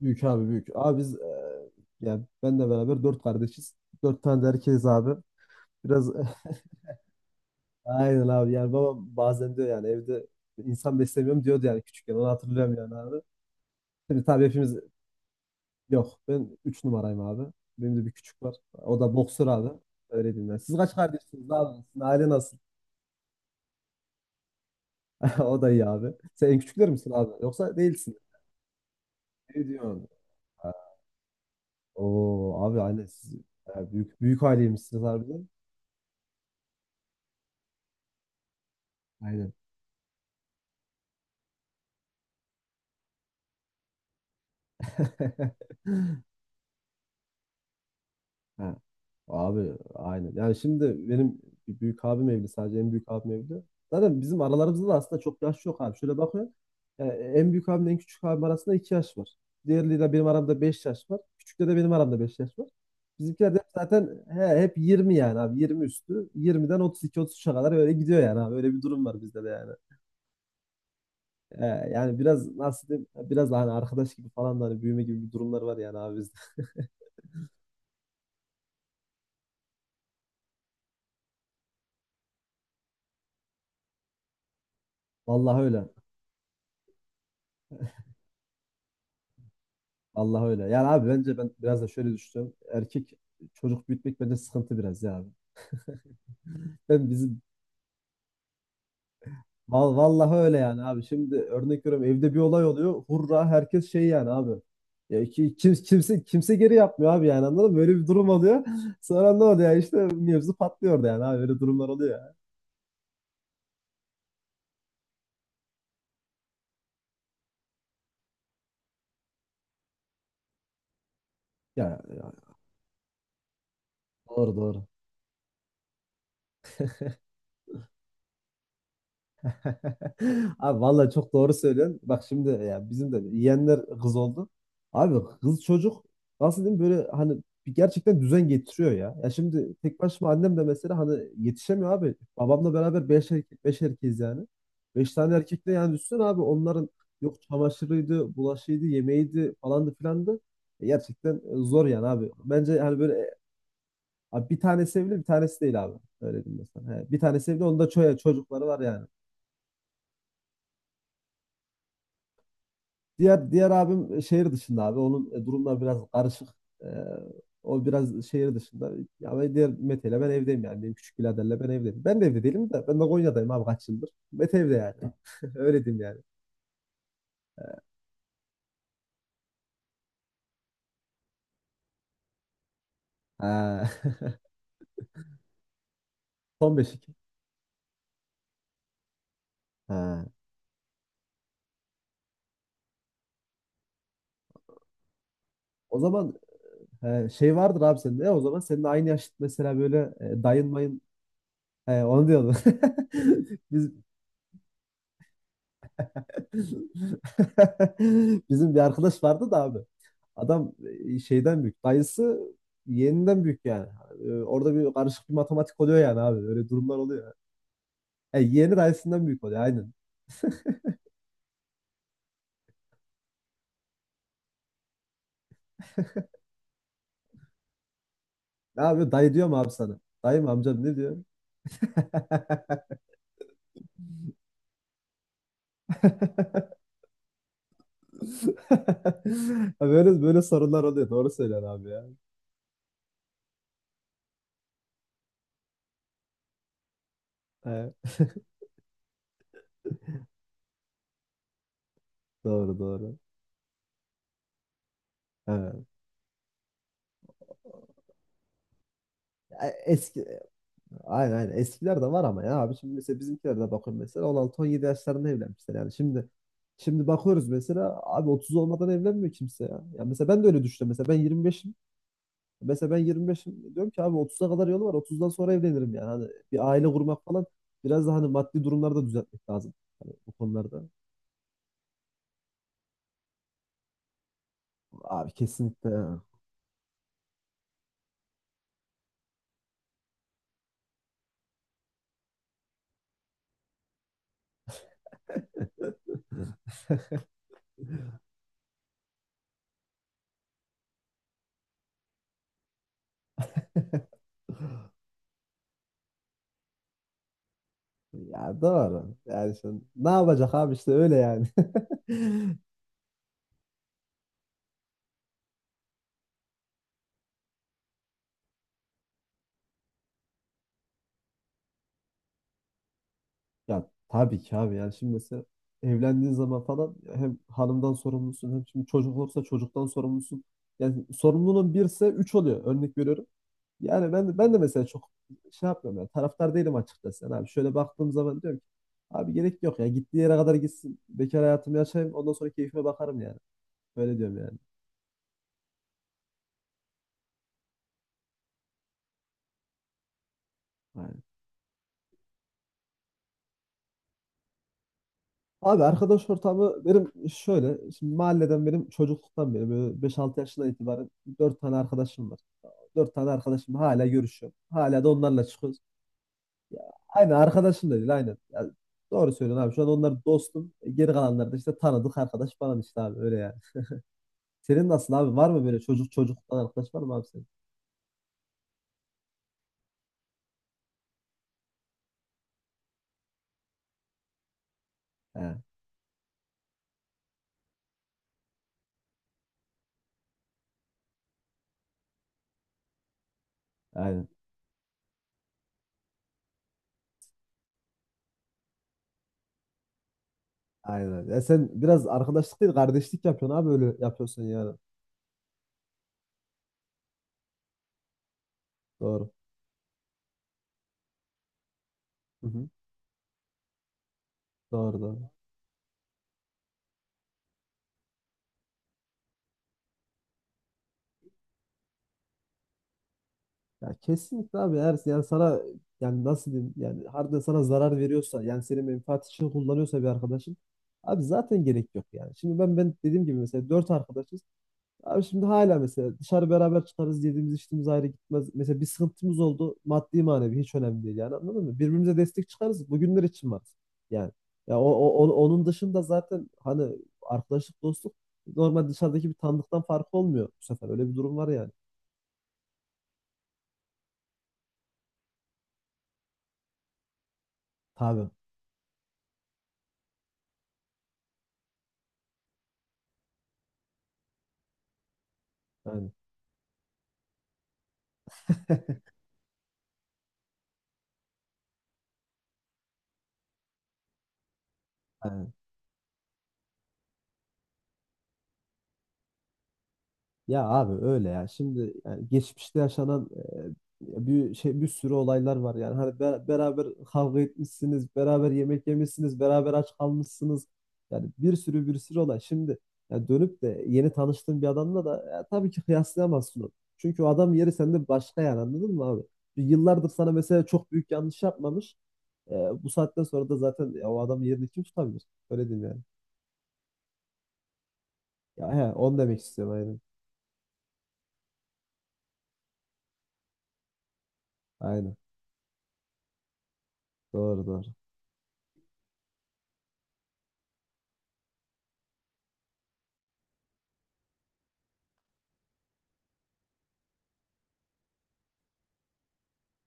Büyük abi büyük. Abi biz yani benle beraber dört kardeşiz. Dört tane de erkeğiz abi. Biraz aynen abi, yani babam bazen diyor, yani evde insan beslemiyorum diyordu, yani küçükken onu hatırlıyorum yani abi. Şimdi tabii hepimiz yok, ben üç numarayım abi. Benim de bir küçük var. O da boksör abi. Öyle diyeyim yani. Siz kaç kardeşsiniz abi? Sizin aile nasıl? O da iyi abi. Sen en küçükler misin abi? Yoksa değilsin. Ne diyorsun? Ha, oo abi aynen siz, yani büyük büyük aileymişsiniz harbiden. Aynen. Ha. Abi aynen. Yani şimdi benim bir büyük abim evli, sadece en büyük abim evli. Zaten bizim aralarımızda da aslında çok yaş yok abi. Şöyle bakıyorum. Yani en büyük abimle en küçük abim arasında 2 yaş var. Diğerleriyle benim aramda 5 yaş var. Küçükle de benim aramda 5 yaş var. Bizimkiler de zaten he, hep yirmi, yani abi 20 üstü. Yirmiden otuz iki otuz 33'e kadar öyle gidiyor yani abi. Öyle bir durum var bizde de yani. Ee, yani biraz nasıl diyeyim, biraz da hani arkadaş gibi falan da hani büyüme gibi bir durumlar var yani abi bizde. Vallahi öyle. Allah öyle. Yani abi bence ben biraz da şöyle düşünüyorum. Erkek çocuk büyütmek bence sıkıntı biraz ya abi. Ben bizim vallahi öyle yani abi. Şimdi örnek veriyorum, evde bir olay oluyor. Hurra, herkes şey yani abi. Ya ki, kim- kimse kimse geri yapmıyor abi, yani anladın mı? Böyle bir durum oluyor. Sonra ne oluyor, işte mevzu patlıyor da yani abi, böyle durumlar oluyor. Ya, ya, ya, doğru doğru. Abi vallahi çok doğru söylüyorsun. Bak şimdi, ya bizim de yeğenler kız oldu. Abi kız çocuk, nasıl diyeyim, böyle hani bir gerçekten düzen getiriyor ya. Ya şimdi tek başıma annem de mesela hani yetişemiyor abi. Babamla beraber beş erkek, beş erkeğiz yani. Beş tane erkekle yani düşünsene abi, onların yok çamaşırıydı, bulaşıydı, yemeğiydi, falandı filandı. E gerçekten zor yani abi. Bence hani böyle abi bir tanesi evli, bir tanesi değil abi. Öyle diyeyim mesela. He, bir tanesi evli, onda çocukları var yani. Diğer abim şehir dışında abi. Onun durumları biraz karışık. Ee, o biraz şehir dışında. Ya ben diğer Mete ile ben evdeyim yani. Benim küçük biraderle ben evdeyim. Ben de evde değilim de. Ben de Konya'dayım abi kaç yıldır. Mete evde yani. Öyle diyeyim yani. Ha. Son beşik. Ha. O zaman şey vardır abi sende. Ya o zaman senin aynı yaşıt mesela böyle dayın mayın. He, onu diyordum. Biz... Bizim bir arkadaş vardı da abi. Adam şeyden büyük. Dayısı yeğeninden büyük yani. Orada bir karışık bir matematik oluyor yani abi. Öyle durumlar oluyor. E, yeğeni dayısından büyük oluyor aynen. Ne yapıyor? Dayı diyor mu abi sana? Dayı mı, amcam ne diyor? Böyle böyle sorunlar oluyor. Doğru söylüyorsun abi ya. Evet, doğru doğru. Evet. Aynen aynen. Eskiler de var ama ya abi. Şimdi mesela bizimkilerde bakın, mesela 16 17 yaşlarında evlenmişler yani. Şimdi bakıyoruz mesela abi 30 olmadan evlenmiyor kimse ya. Ya mesela ben de öyle düşünüyorum. Mesela ben yirmi beşim. Diyorum ki abi, 30'a kadar yolu var. Otuzdan sonra evlenirim yani. Hani bir aile kurmak falan, biraz da hani maddi durumları da düzeltmek lazım bu konularda. Abi kesinlikle ya. Ya doğru. Yani şimdi ne yapacak abi, işte öyle yani. Ya tabii ki abi, yani şimdi mesela evlendiğin zaman falan hem hanımdan sorumlusun, hem şimdi çocuk olursa çocuktan sorumlusun. Yani sorumluluğun birse üç oluyor, örnek veriyorum. Yani ben de mesela çok şey yapmıyorum, yani taraftar değilim açıkçası. Yani abi şöyle baktığım zaman diyorum ki abi gerek yok ya, gittiği yere kadar gitsin, bekar hayatımı yaşayayım, ondan sonra keyfime bakarım yani. Böyle diyorum yani. Aynen. Abi arkadaş ortamı benim şöyle, şimdi mahalleden benim çocukluktan beri, böyle 5-6 yaşından itibaren 4 tane arkadaşım var. Dört tane arkadaşım hala görüşüyorum. Hala da onlarla çıkıyoruz. Aynen arkadaşım da değil aynen. Ya, doğru söylüyorsun abi. Şu an onlar dostum. E, geri kalanlar da işte tanıdık arkadaş falan işte abi, öyle yani. Senin nasıl abi? Var mı böyle çocuk çocuktan arkadaş var mı abi senin? He, aynen. Aynen. Ya sen biraz arkadaşlık değil kardeşlik yapıyorsun abi, öyle yapıyorsun yani. Doğru. Hı hı. Doğru doğru. Ya kesinlikle abi, eğer yani sana, yani nasıl diyeyim, yani harbiden sana zarar veriyorsa, yani senin menfaat için kullanıyorsa bir arkadaşın, abi zaten gerek yok yani. Şimdi ben dediğim gibi mesela dört arkadaşız. Abi şimdi hala mesela dışarı beraber çıkarız, yediğimiz içtiğimiz ayrı gitmez. Mesela bir sıkıntımız oldu maddi manevi, hiç önemli değil yani anladın mı? Birbirimize destek çıkarız, bugünler için varız yani. Ya onun dışında zaten hani arkadaşlık, dostluk normal dışarıdaki bir tanıdıktan farkı olmuyor bu sefer, öyle bir durum var yani. Tabii yani. Ya abi öyle ya. Şimdi yani geçmişte yaşanan bir şey, bir sürü olaylar var yani. Hani beraber kavga etmişsiniz, beraber yemek yemişsiniz, beraber aç kalmışsınız. Yani bir sürü bir sürü olay. Şimdi ya dönüp de yeni tanıştığın bir adamla da ya tabii ki kıyaslayamazsın onu. Çünkü o adam yeri sende başka, yani anladın mı abi? Bir yıllardır sana mesela çok büyük yanlış yapmamış. E, bu saatten sonra da zaten ya o adam yerini kim tutabilir? Öyle diyeyim yani. Ya he, onu demek istiyorum aynen. Aynen. Doğru doğru.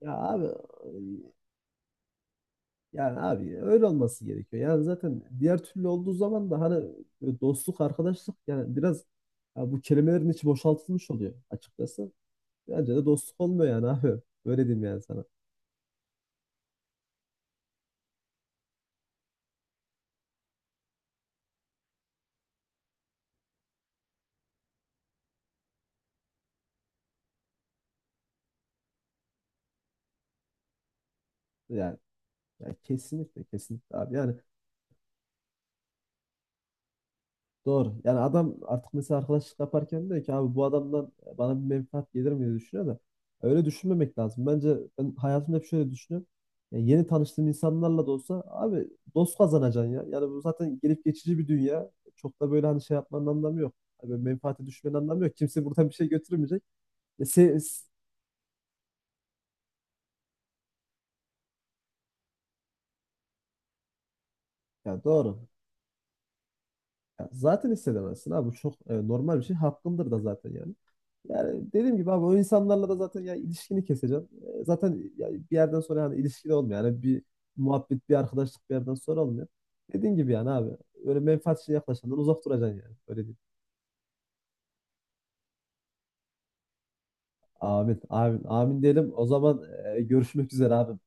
Ya abi, yani abi öyle olması gerekiyor. Yani zaten diğer türlü olduğu zaman da hani böyle dostluk, arkadaşlık yani biraz, ya bu kelimelerin içi boşaltılmış oluyor açıkçası. Bence de dostluk olmuyor yani abi. Öyle diyeyim yani sana. Yani, yani kesinlikle kesinlikle abi. Yani doğru. Yani adam artık mesela arkadaşlık yaparken diyor ki abi, bu adamdan bana bir menfaat gelir mi diye düşünüyor da, öyle düşünmemek lazım. Bence ben hayatımda hep şöyle düşünüyorum. Yani yeni tanıştığım insanlarla da olsa abi, dost kazanacaksın ya. Yani bu zaten gelip geçici bir dünya. Çok da böyle hani şey yapmanın anlamı yok. Abi menfaate düşmenin anlamı yok. Kimse buradan bir şey götürmeyecek. Ya, yani doğru. Ya zaten hissedemezsin abi. Bu çok normal bir şey. Hakkındır da zaten yani. Yani dediğim gibi abi, o insanlarla da zaten ya ilişkini keseceğim. Zaten ya bir yerden sonra yani ilişkili olmuyor. Yani bir muhabbet, bir arkadaşlık bir yerden sonra olmuyor. Dediğim gibi yani abi, öyle menfaatçi yaklaşandan uzak duracaksın yani. Öyle değil. Amin, amin, amin diyelim. O zaman görüşmek üzere abi.